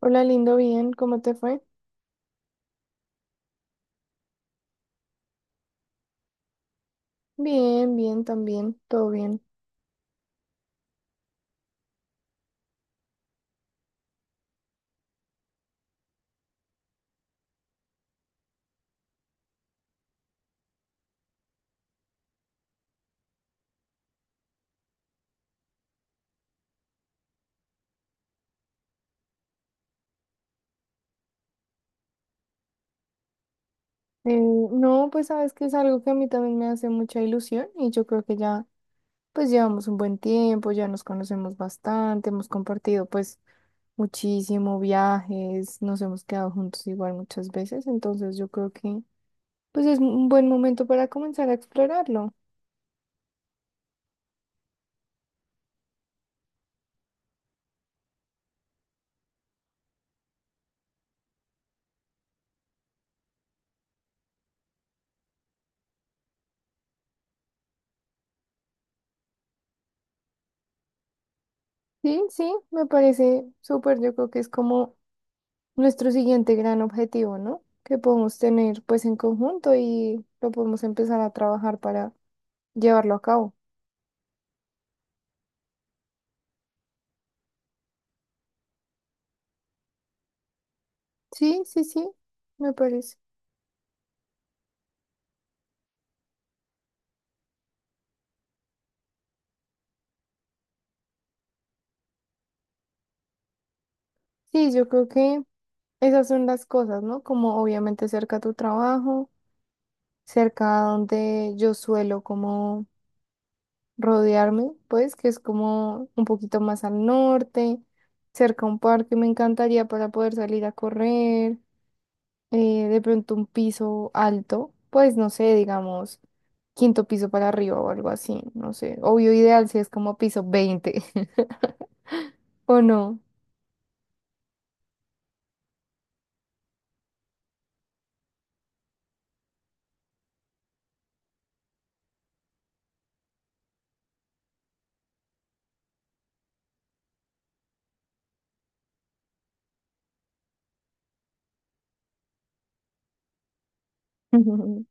Hola, lindo, bien, ¿cómo te fue? Bien, bien, también, todo bien. Eh, no, pues sabes que es algo que a mí también me hace mucha ilusión y yo creo que ya, pues llevamos un buen tiempo, ya nos conocemos bastante, hemos compartido pues muchísimo viajes, nos hemos quedado juntos igual muchas veces, entonces yo creo que pues es un buen momento para comenzar a explorarlo. Sí, sí, me parece súper, yo creo que es como nuestro siguiente gran objetivo, ¿no? Que podemos tener pues en conjunto y lo podemos empezar a trabajar para llevarlo a cabo. Sí, sí, sí, me parece. Sí, yo creo que esas son las cosas, ¿no? Como obviamente cerca a tu trabajo, cerca a donde yo suelo como rodearme, pues que es como un poquito más al norte, cerca a un parque me encantaría para poder salir a correr, de pronto un piso alto, pues no sé, digamos, quinto piso para arriba o algo así, no sé. Obvio ideal si es como piso 20, o no.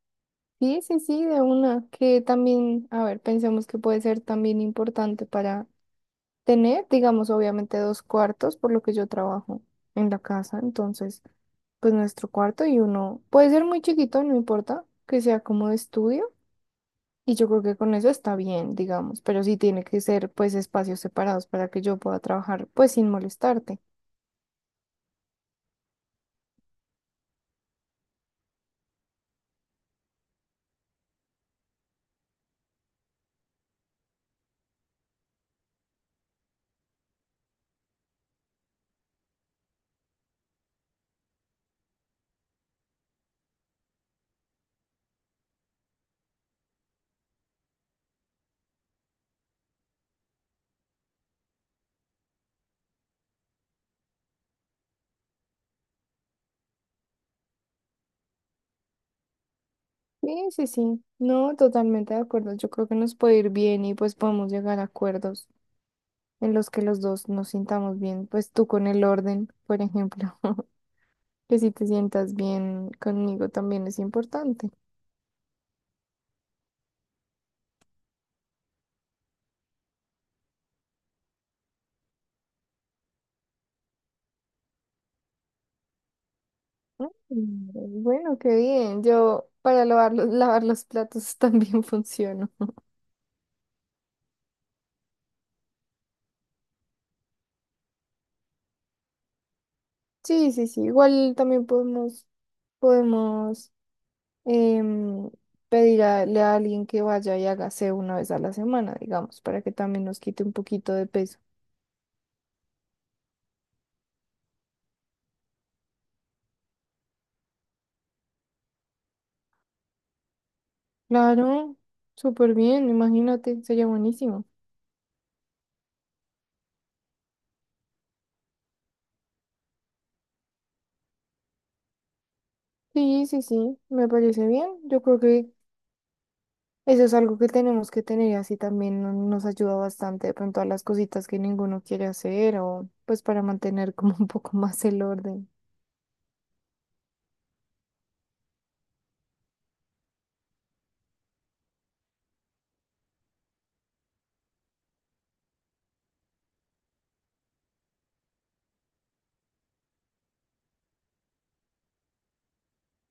Sí, sí, sí, de una, que también, a ver, pensemos que puede ser también importante para tener, digamos, obviamente dos cuartos, por lo que yo trabajo en la casa. Entonces, pues nuestro cuarto y uno, puede ser muy chiquito, no importa, que sea como de estudio. Y yo creo que con eso está bien, digamos, pero sí tiene que ser pues espacios separados para que yo pueda trabajar pues sin molestarte. Sí, sí, sí, no, totalmente de acuerdo. Yo creo que nos puede ir bien y pues podemos llegar a acuerdos en los que los dos nos sintamos bien, pues tú con el orden, por ejemplo, que si te sientas bien conmigo también es importante. Mm, Bueno, qué bien, yo para lavar los platos también funciono. Sí, sí, sí, igual también podemos, podemos. em, pedirle a alguien que vaya y hágase una vez a la semana, digamos, para que también nos quite un poquito de peso. Claro, súper bien, imagínate, sería buenísimo. Sí, sí, sí, me parece bien. Yo creo que eso es algo que tenemos que tener y así también nos ayuda bastante de pronto a las cositas que ninguno quiere hacer o pues para mantener como un poco más el orden.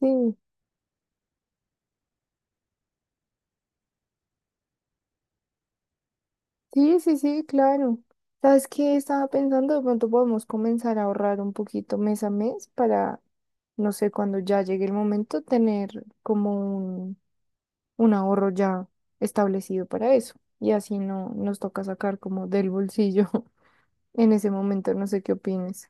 Sí. Sí, sí, sí, claro. ¿Sabes qué? Estaba pensando, de pronto podemos comenzar a ahorrar un poquito mes a mes para, no sé, cuando ya llegue el momento, tener como un ahorro ya establecido para eso. Y así no nos toca sacar como del bolsillo en ese momento, no sé qué opines.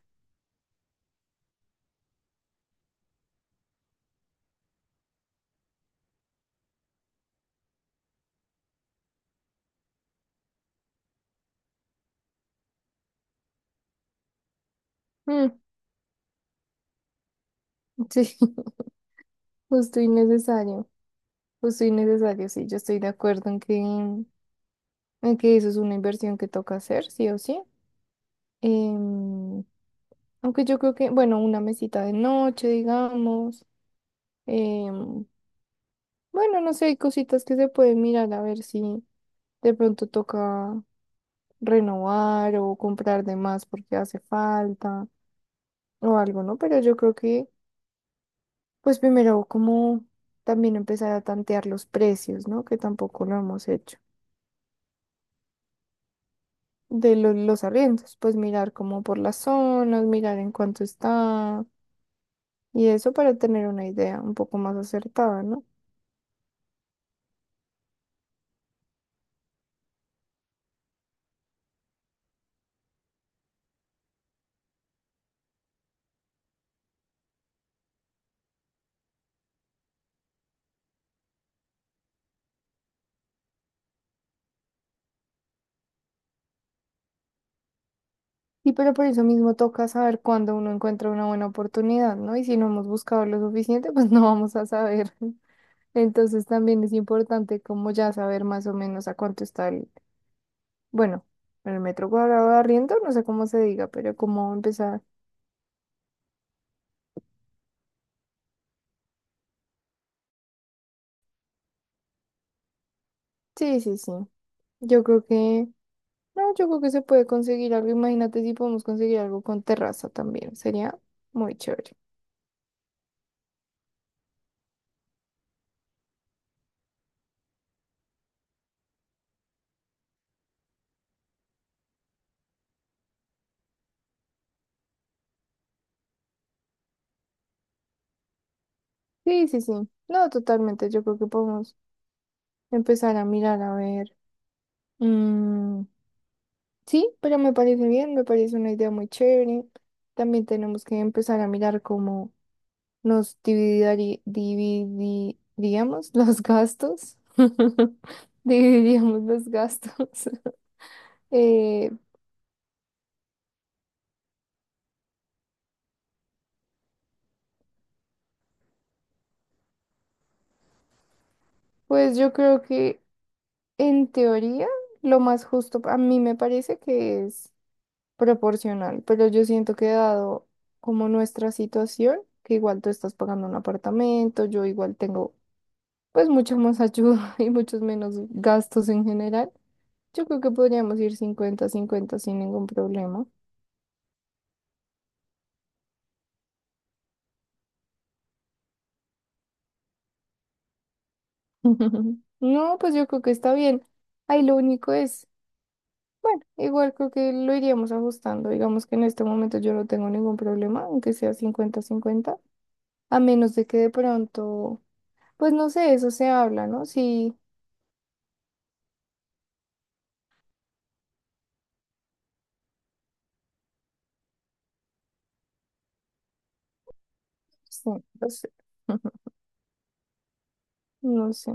Mm, sí, justo y necesario, justo y necesario, sí, yo estoy de acuerdo en que eso es una inversión que toca hacer, sí o sí. Em, Aunque yo creo que, bueno, una mesita de noche, digamos. em, bueno, no sé, hay cositas que se pueden mirar a ver si de pronto toca renovar o comprar de más porque hace falta o algo, ¿no? Pero yo creo que, pues primero como también empezar a tantear los precios, ¿no? Que tampoco lo hemos hecho. De los arriendos, pues mirar como por las zonas, mirar en cuánto está y eso para tener una idea un poco más acertada, ¿no? Sí, pero por eso mismo toca saber cuándo uno encuentra una buena oportunidad, ¿no? Y si no hemos buscado lo suficiente, pues no vamos a saber. Entonces también es importante como ya saber más o menos a cuánto está el, bueno, el metro cuadrado de arriendo, no sé cómo se diga, pero cómo empezar. Sí, sí, sí. Yo creo que, no, yo creo que se puede conseguir algo. Imagínate si podemos conseguir algo con terraza también. Sería muy chévere. Sí, sí, sí. No, totalmente. Yo creo que podemos empezar a mirar a ver. Mm, sí, pero me parece bien, me parece una idea muy chévere. También tenemos que empezar a mirar cómo nos dividiríamos los gastos. Dividiríamos los gastos. Eh, pues yo creo que en teoría lo más justo a mí me parece que es proporcional, pero yo siento que dado como nuestra situación, que igual tú estás pagando un apartamento, yo igual tengo pues mucha más ayuda y muchos menos gastos en general. Yo creo que podríamos ir 50/50 sin ningún problema. No, pues yo creo que está bien. Ahí lo único es, bueno, igual creo que lo iríamos ajustando. Digamos que en este momento yo no tengo ningún problema, aunque sea 50/50 a menos de que de pronto, pues no sé, eso se habla, ¿no? Sí, sí, lo sé. No sé.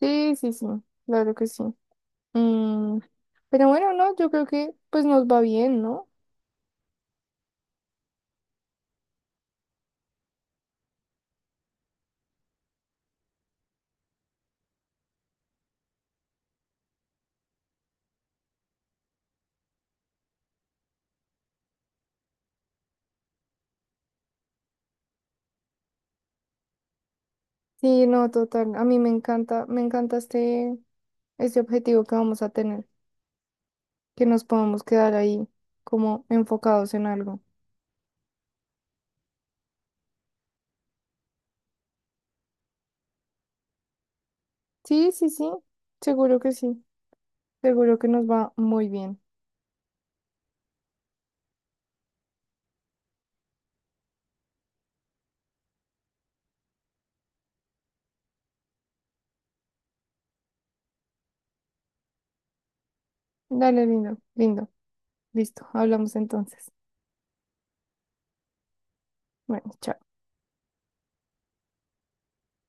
Sí, sí, sí, claro que sí. Mm, pero bueno, no, yo creo que pues nos va bien, ¿no? Sí, no, total. A mí me encanta este, este objetivo que vamos a tener, que nos podamos quedar ahí como enfocados en algo. Sí, sí, sí, seguro que nos va muy bien. Dale, lindo, lindo. Listo, hablamos entonces. Bueno, chao.